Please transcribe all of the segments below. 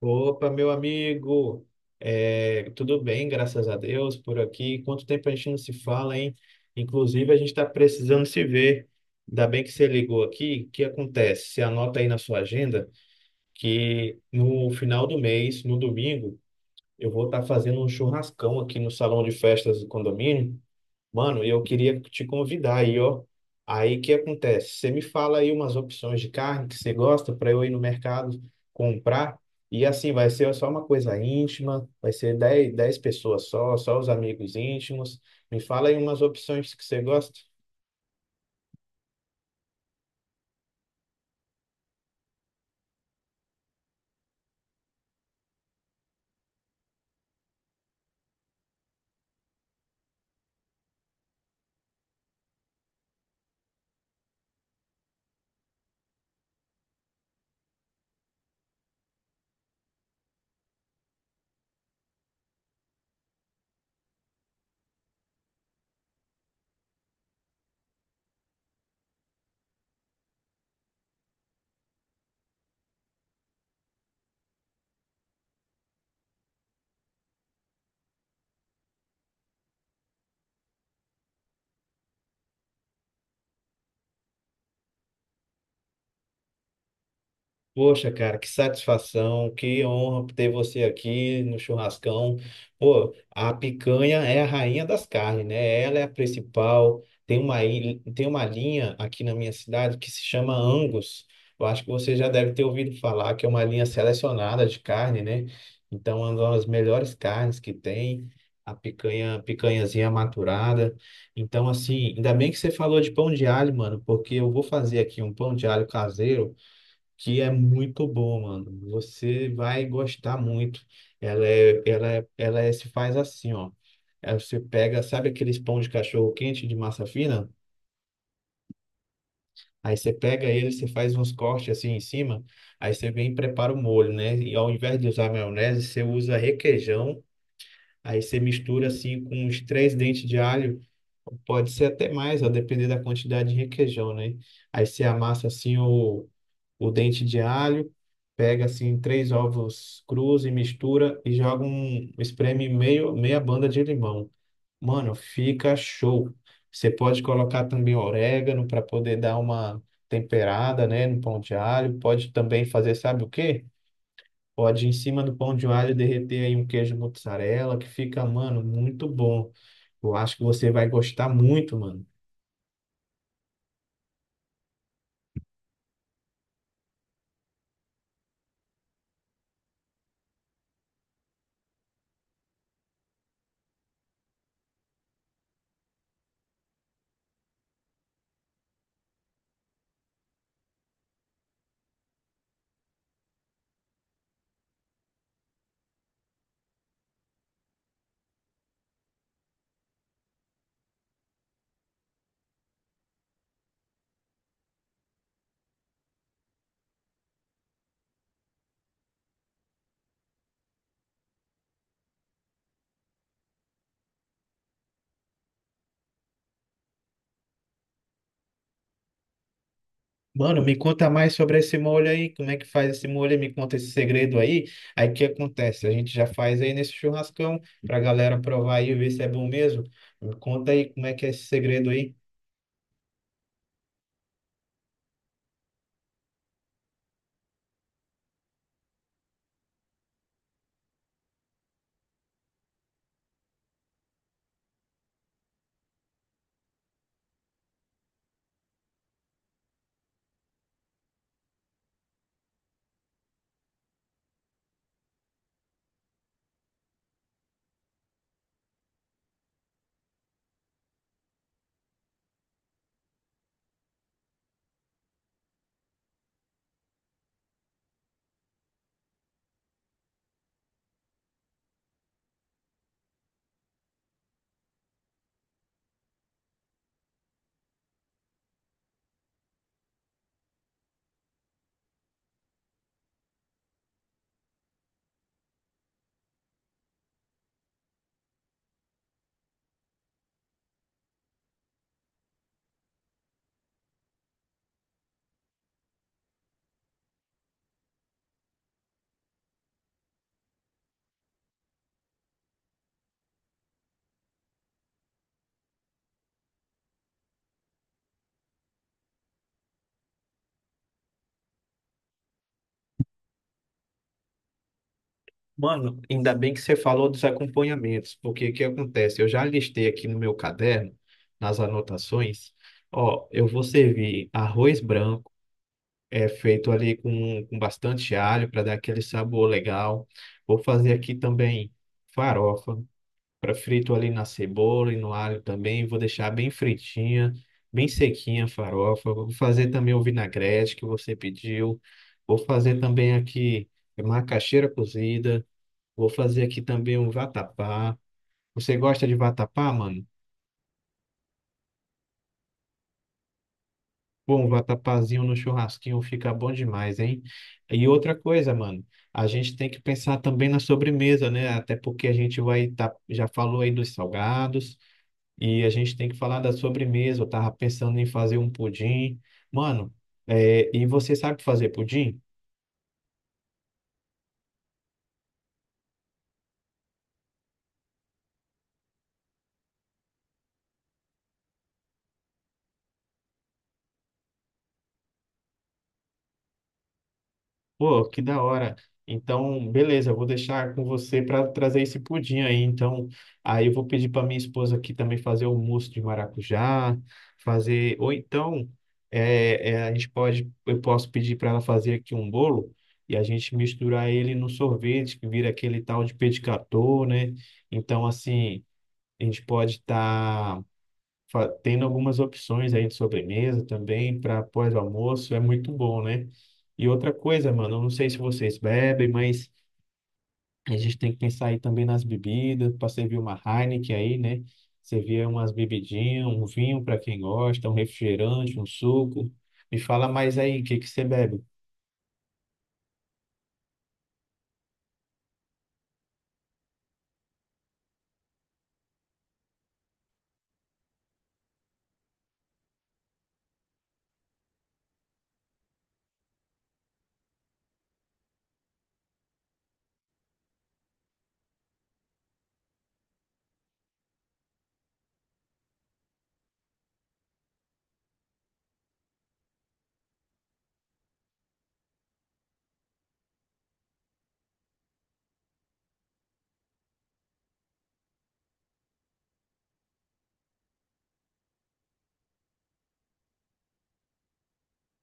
Opa, meu amigo, é, tudo bem, graças a Deus, por aqui. Quanto tempo a gente não se fala, hein? Inclusive, a gente está precisando se ver. Ainda bem que você ligou aqui. O que acontece? Você anota aí na sua agenda que no final do mês, no domingo, eu vou estar fazendo um churrascão aqui no salão de festas do condomínio. Mano, eu queria te convidar aí, ó. Aí o que acontece? Você me fala aí umas opções de carne que você gosta para eu ir no mercado comprar. E assim, vai ser só uma coisa íntima, vai ser dez pessoas só, só os amigos íntimos. Me fala aí umas opções que você gosta. Poxa, cara, que satisfação, que honra ter você aqui no churrascão. Pô, a picanha é a rainha das carnes, né? Ela é a principal. Tem uma, tem uma linha aqui na minha cidade que se chama Angus. Eu acho que você já deve ter ouvido falar que é uma linha selecionada de carne, né? Então, é uma das melhores carnes que tem, a picanha, picanhazinha maturada. Então, assim, ainda bem que você falou de pão de alho, mano, porque eu vou fazer aqui um pão de alho caseiro que é muito bom, mano. Você vai gostar muito. Se faz assim, ó. Aí você pega, sabe aqueles pão de cachorro quente de massa fina? Aí você pega ele, você faz uns cortes assim em cima, aí você vem e prepara o molho, né? E ao invés de usar maionese, você usa requeijão, aí você mistura assim com uns três dentes de alho, pode ser até mais, a depender da quantidade de requeijão, né? Aí você amassa assim o dente de alho, pega assim três ovos crus e mistura e joga um, espreme meio, meia banda de limão. Mano, fica show. Você pode colocar também orégano para poder dar uma temperada, né, no pão de alho. Pode também fazer, sabe o quê? Pode em cima do pão de alho derreter aí um queijo mozzarella, que fica, mano, muito bom. Eu acho que você vai gostar muito, mano. Mano, me conta mais sobre esse molho aí, como é que faz esse molho, aí, me conta esse segredo aí. Aí o que acontece? A gente já faz aí nesse churrascão pra galera provar aí e ver se é bom mesmo. Me conta aí como é que é esse segredo aí. Mano, ainda bem que você falou dos acompanhamentos, porque o que acontece? Eu já listei aqui no meu caderno, nas anotações, ó, eu vou servir arroz branco, é feito ali com bastante alho para dar aquele sabor legal. Vou fazer aqui também farofa. Pra frito ali na cebola e no alho também. Vou deixar bem fritinha, bem sequinha a farofa. Vou fazer também o vinagrete que você pediu. Vou fazer também aqui macaxeira cozida. Vou fazer aqui também um vatapá. Você gosta de vatapá, mano? Pô, um vatapazinho no churrasquinho fica bom demais, hein? E outra coisa, mano, a gente tem que pensar também na sobremesa, né? Até porque a gente vai tá, já falou aí dos salgados. E a gente tem que falar da sobremesa. Eu tava pensando em fazer um pudim. Mano, e você sabe fazer pudim? Pô, que da hora. Então, beleza, eu vou deixar com você para trazer esse pudim aí. Então, aí eu vou pedir para minha esposa aqui também fazer o mousse de maracujá, fazer. Ou então, a gente pode, eu posso pedir para ela fazer aqui um bolo e a gente misturar ele no sorvete, que vira aquele tal de pedicator, né? Então, assim, a gente pode estar tendo algumas opções aí de sobremesa também para pós-almoço, é muito bom, né? E outra coisa, mano, eu não sei se vocês bebem, mas a gente tem que pensar aí também nas bebidas, para servir uma Heineken aí, né? Servir umas bebidinhas, um vinho para quem gosta, um refrigerante, um suco. Me fala mais aí, o que que você bebe?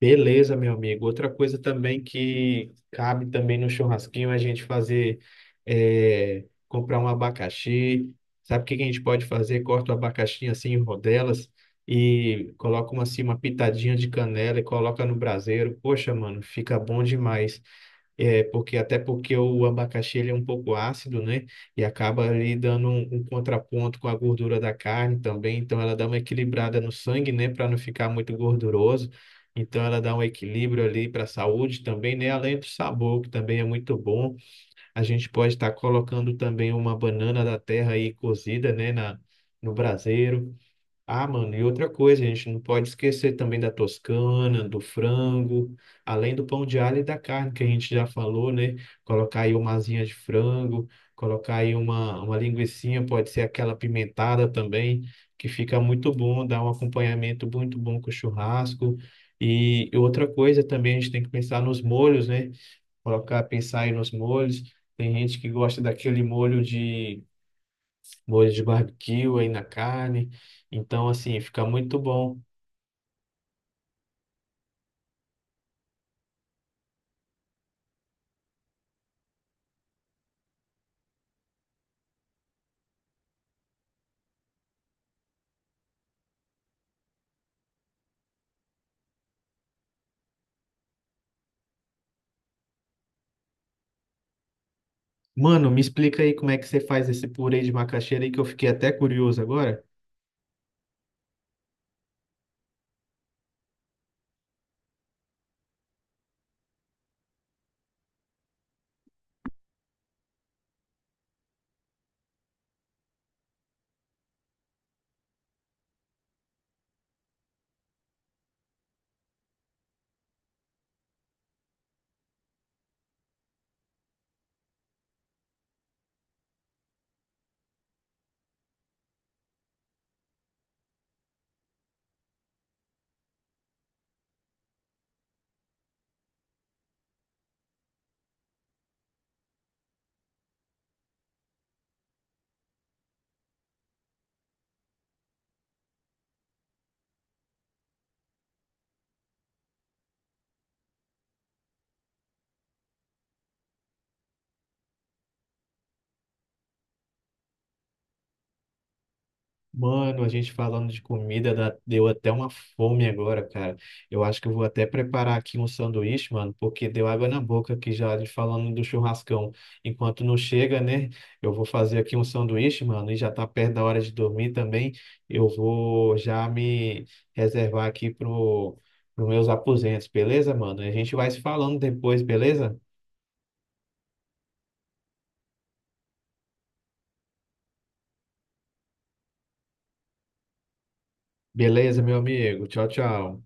Beleza, meu amigo. Outra coisa também que cabe também no churrasquinho é a gente fazer, comprar um abacaxi. Sabe o que que a gente pode fazer? Corta o abacaxi assim em rodelas e coloca uma, assim, uma pitadinha de canela e coloca no braseiro. Poxa, mano, fica bom demais. É, porque até porque o abacaxi ele é um pouco ácido, né? E acaba ali dando um, um contraponto com a gordura da carne também. Então ela dá uma equilibrada no sangue, né? Para não ficar muito gorduroso. Então ela dá um equilíbrio ali para a saúde também, né? Além do sabor, que também é muito bom. A gente pode estar colocando também uma banana da terra aí cozida, né? No braseiro. Ah, mano, e outra coisa, a gente não pode esquecer também da toscana, do frango, além do pão de alho e da carne, que a gente já falou, né? Colocar aí uma asinha de frango, colocar aí uma linguicinha, pode ser aquela pimentada também, que fica muito bom, dá um acompanhamento muito bom com o churrasco. E outra coisa também, a gente tem que pensar nos molhos, né? Colocar, pensar aí nos molhos. Tem gente que gosta daquele molho de barbecue aí na carne. Então, assim, fica muito bom. Mano, me explica aí como é que você faz esse purê de macaxeira aí que eu fiquei até curioso agora. Mano, a gente falando de comida, deu até uma fome agora, cara. Eu acho que eu vou até preparar aqui um sanduíche, mano, porque deu água na boca aqui já de falando do churrascão. Enquanto não chega, né? Eu vou fazer aqui um sanduíche, mano, e já tá perto da hora de dormir também. Eu vou já me reservar aqui pro meus aposentos, beleza, mano? A gente vai se falando depois, beleza? Beleza, meu amigo. Tchau, tchau.